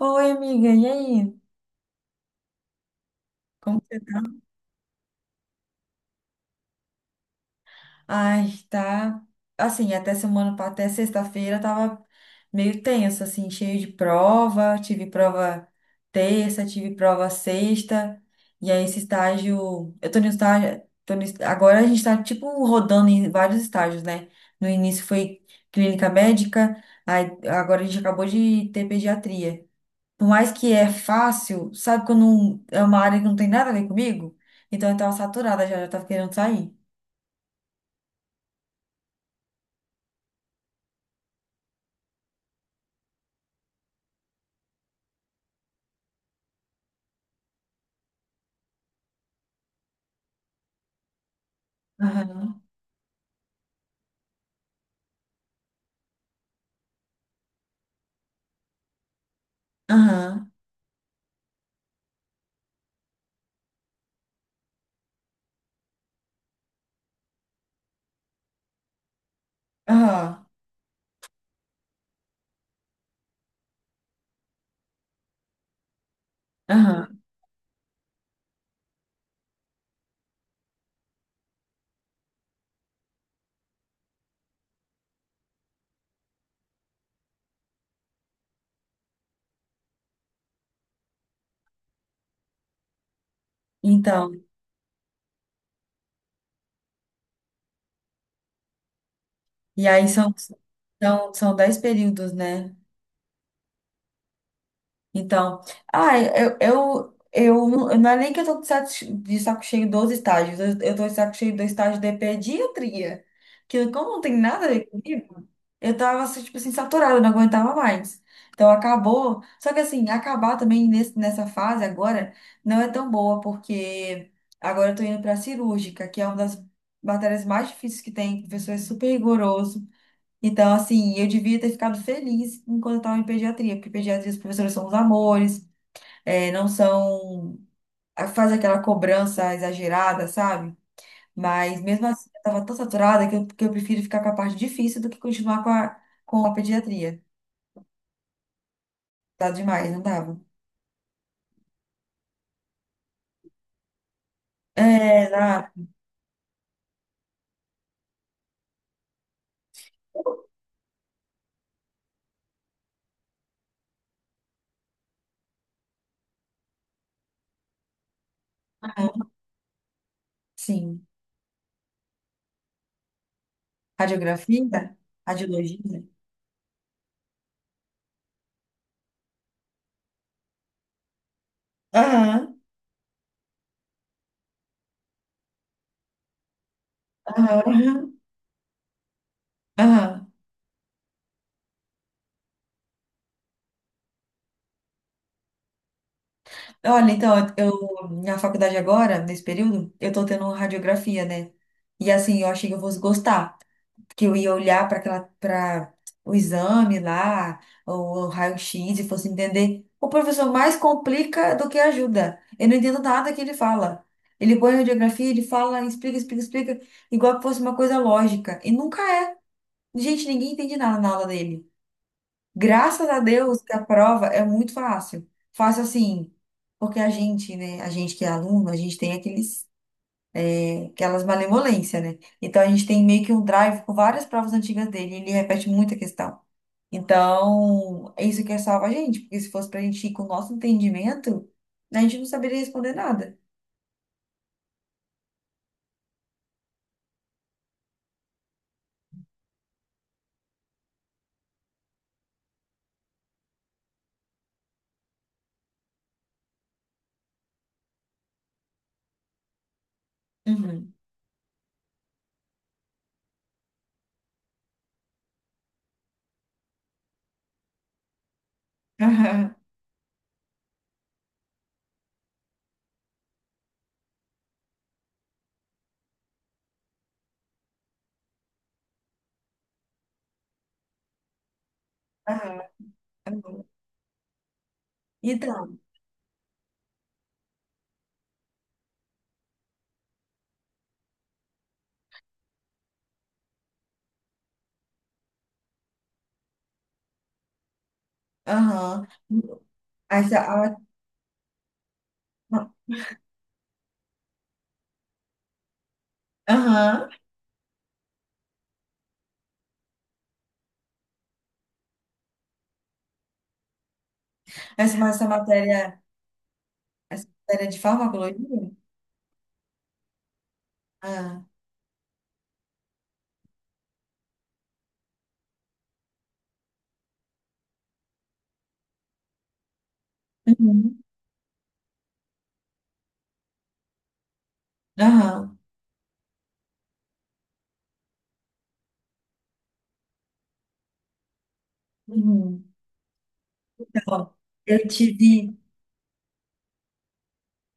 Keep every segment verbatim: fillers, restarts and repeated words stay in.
Oi, amiga, e aí? Como você tá? Ai, tá. Assim, até semana, pa- até sexta-feira tava meio tenso, assim, cheio de prova. Tive prova terça, tive prova sexta. E aí, esse estágio. Eu tô no estágio. Tô no, est- agora a gente tá, tipo, rodando em vários estágios, né? No início foi clínica médica, aí agora a gente acabou de ter pediatria. Por mais que é fácil, sabe quando não- é uma área que não tem nada a ver comigo? Então eu tava saturada já, já tava querendo sair. Aham, aham, aham, aham. Então, e aí são, são, são dez períodos, né? Então, ah, eu, eu, eu não não é nem que eu tô de saco de saco cheio dos estágios, eu, eu tô de saco cheio do estágio de pediatria, que como não tem nada a ver comigo, eu tava, assim, tipo assim, saturada, eu não aguentava mais. Então acabou, só que assim, acabar também nesse, nessa fase agora não é tão boa, porque agora eu tô indo pra cirúrgica, que é uma das matérias mais difíceis que tem, professor é super rigoroso. Então, assim, eu devia ter ficado feliz enquanto eu estava em pediatria, porque pediatria, os professores são os amores, é não são. Faz aquela cobrança exagerada, sabe? Mas mesmo assim, eu estava tão saturada que eu, que eu prefiro ficar com a parte difícil do que continuar com a, com a pediatria. Tá demais, não dava? É, na, sim. Radiografia? Radiologia? Aham, aham, aham. Olha, então, eu na faculdade agora, nesse período, eu tô tendo radiografia, né? E assim, eu achei que eu fosse gostar, que eu ia olhar para aquela para o exame lá, ou o raio-x e fosse entender. O professor mais complica do que ajuda. Eu não entendo nada que ele fala. Ele põe a radiografia, ele fala, explica, explica, explica, igual que fosse uma coisa lógica. E nunca é. Gente, ninguém entende nada na aula dele. Graças a Deus que a prova é muito fácil. Fácil assim, porque a gente, né, a gente que é aluno, a gente tem aqueles, é, aquelas malemolências, né? Então a gente tem meio que um drive com várias provas antigas dele, e ele repete muita questão. Então, é isso que é salva a gente, porque se fosse pra gente ir com o nosso entendimento, a gente não saberia responder nada. Uhum. Aham, aham, aham. Então, aham. Essa, a- aham. Essa, mas essa matéria, essa matéria de farmacologia. Ah, uhum, aham, uhum. Então, eu tive.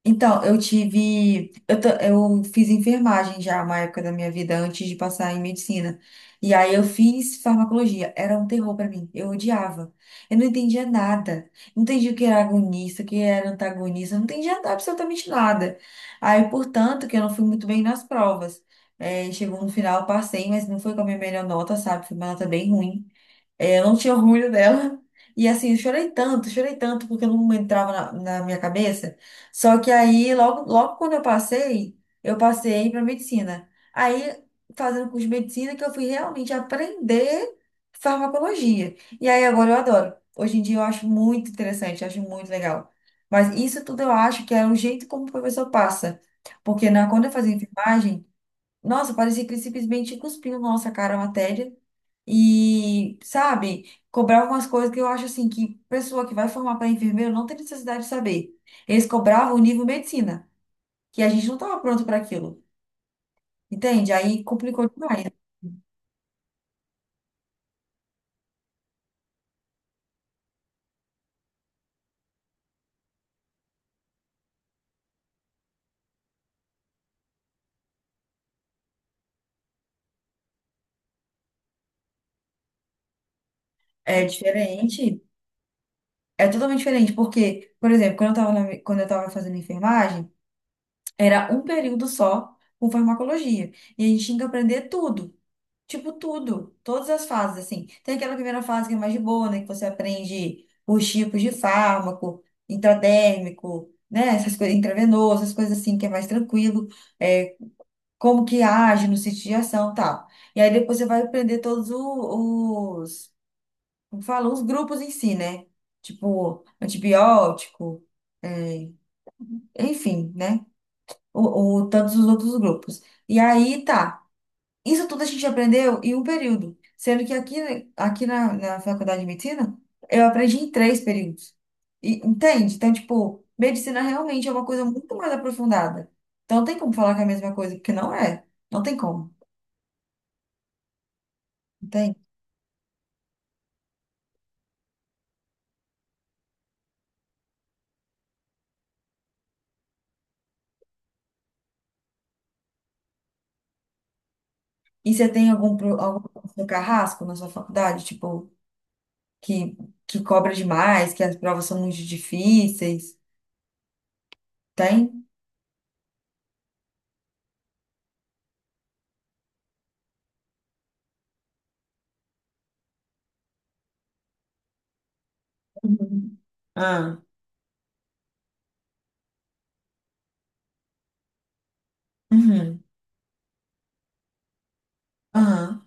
Então, eu tive. Eu, ta- eu fiz enfermagem já uma época da minha vida, antes de passar em medicina. E aí eu fiz farmacologia. Era um terror pra mim. Eu odiava. Eu não entendia nada. Não entendia o que era agonista, o que era antagonista. Eu não entendia absolutamente nada. Aí, portanto, que eu não fui muito bem nas provas. É, chegou no final, eu passei, mas não foi com a minha melhor nota, sabe? Foi uma nota bem ruim. É, eu não tinha orgulho dela. E assim, eu chorei tanto, chorei tanto, porque não entrava na, na minha cabeça. Só que aí, logo, logo quando eu passei, eu passei para medicina. Aí, fazendo curso de medicina, que eu fui realmente aprender farmacologia. E aí, agora eu adoro. Hoje em dia, eu acho muito interessante, acho muito legal. Mas isso tudo eu acho que é o jeito como o professor passa. Porque na, quando eu fazia enfermagem, nossa, parecia que ele simplesmente cuspiu na nossa cara a matéria e, sabe, cobrar algumas coisas que eu acho assim que pessoa que vai formar para enfermeiro não tem necessidade de saber. Eles cobravam o nível medicina, que a gente não estava pronto para aquilo. Entende? Aí complicou demais. É diferente. É totalmente diferente, porque, por exemplo, quando eu estava quando eu estava fazendo enfermagem, era um período só com farmacologia. E a gente tinha que aprender tudo. Tipo, tudo. Todas as fases, assim. Tem aquela primeira fase que é mais de boa, né? Que você aprende os tipos de fármaco, intradérmico, né? Essas coisas, intravenoso, essas coisas assim, que é mais tranquilo. É, como que age no sítio de ação e tal. E aí depois você vai aprender todos o- os, como fala? Os grupos em si, né? Tipo, antibiótico, é, enfim, né? ou, ou tantos os outros grupos. E aí tá. Isso tudo a gente aprendeu em um período, sendo que aqui, aqui na, na faculdade de medicina eu aprendi em três períodos. E, entende? Então, tipo, medicina realmente é uma coisa muito mais aprofundada. Então, não tem como falar que é a mesma coisa, porque não é. Não tem como, entende? E você tem algum, pro- algum professor carrasco na sua faculdade, tipo, que, que cobra demais, que as provas são muito difíceis? Tem? Uhum. Ah. Uhum. Aham.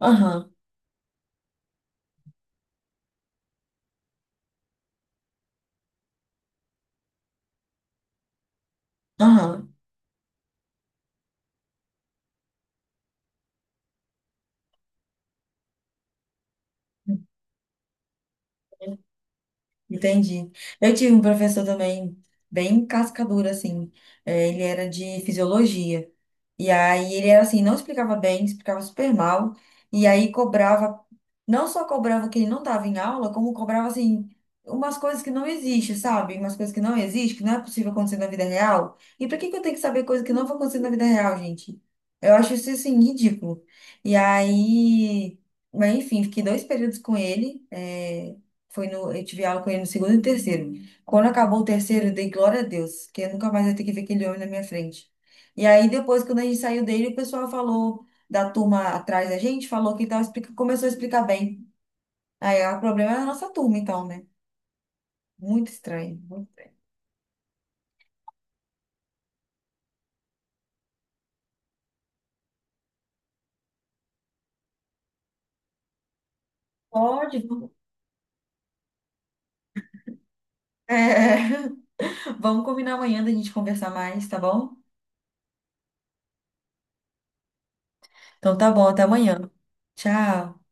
Aham, aham, entendi. Eu tive um professor também, bem cascadura, assim. É, ele era de fisiologia. E aí ele era assim, não explicava bem, explicava super mal. E aí cobrava, não só cobrava que ele não estava em aula, como cobrava assim, umas coisas que não existem, sabe? Umas coisas que não existem, que não é possível acontecer na vida real. E por que que eu tenho que saber coisa que não vai acontecer na vida real, gente? Eu acho isso assim, ridículo. E aí, mas enfim, fiquei dois períodos com ele. Eh, Foi no, eu tive aula com ele no segundo e no terceiro. Quando acabou o terceiro, eu dei glória a Deus, que eu nunca mais ia ter que ver aquele homem na minha frente. E aí, depois, quando a gente saiu dele, o pessoal falou da turma atrás da gente, falou que tava explica... começou a explicar bem. Aí, ah, o problema é a nossa turma, então, né? Muito estranho. muito- Pode. vamos- É, Vamos combinar amanhã da gente conversar mais, tá bom? Então tá bom, até amanhã. Tchau.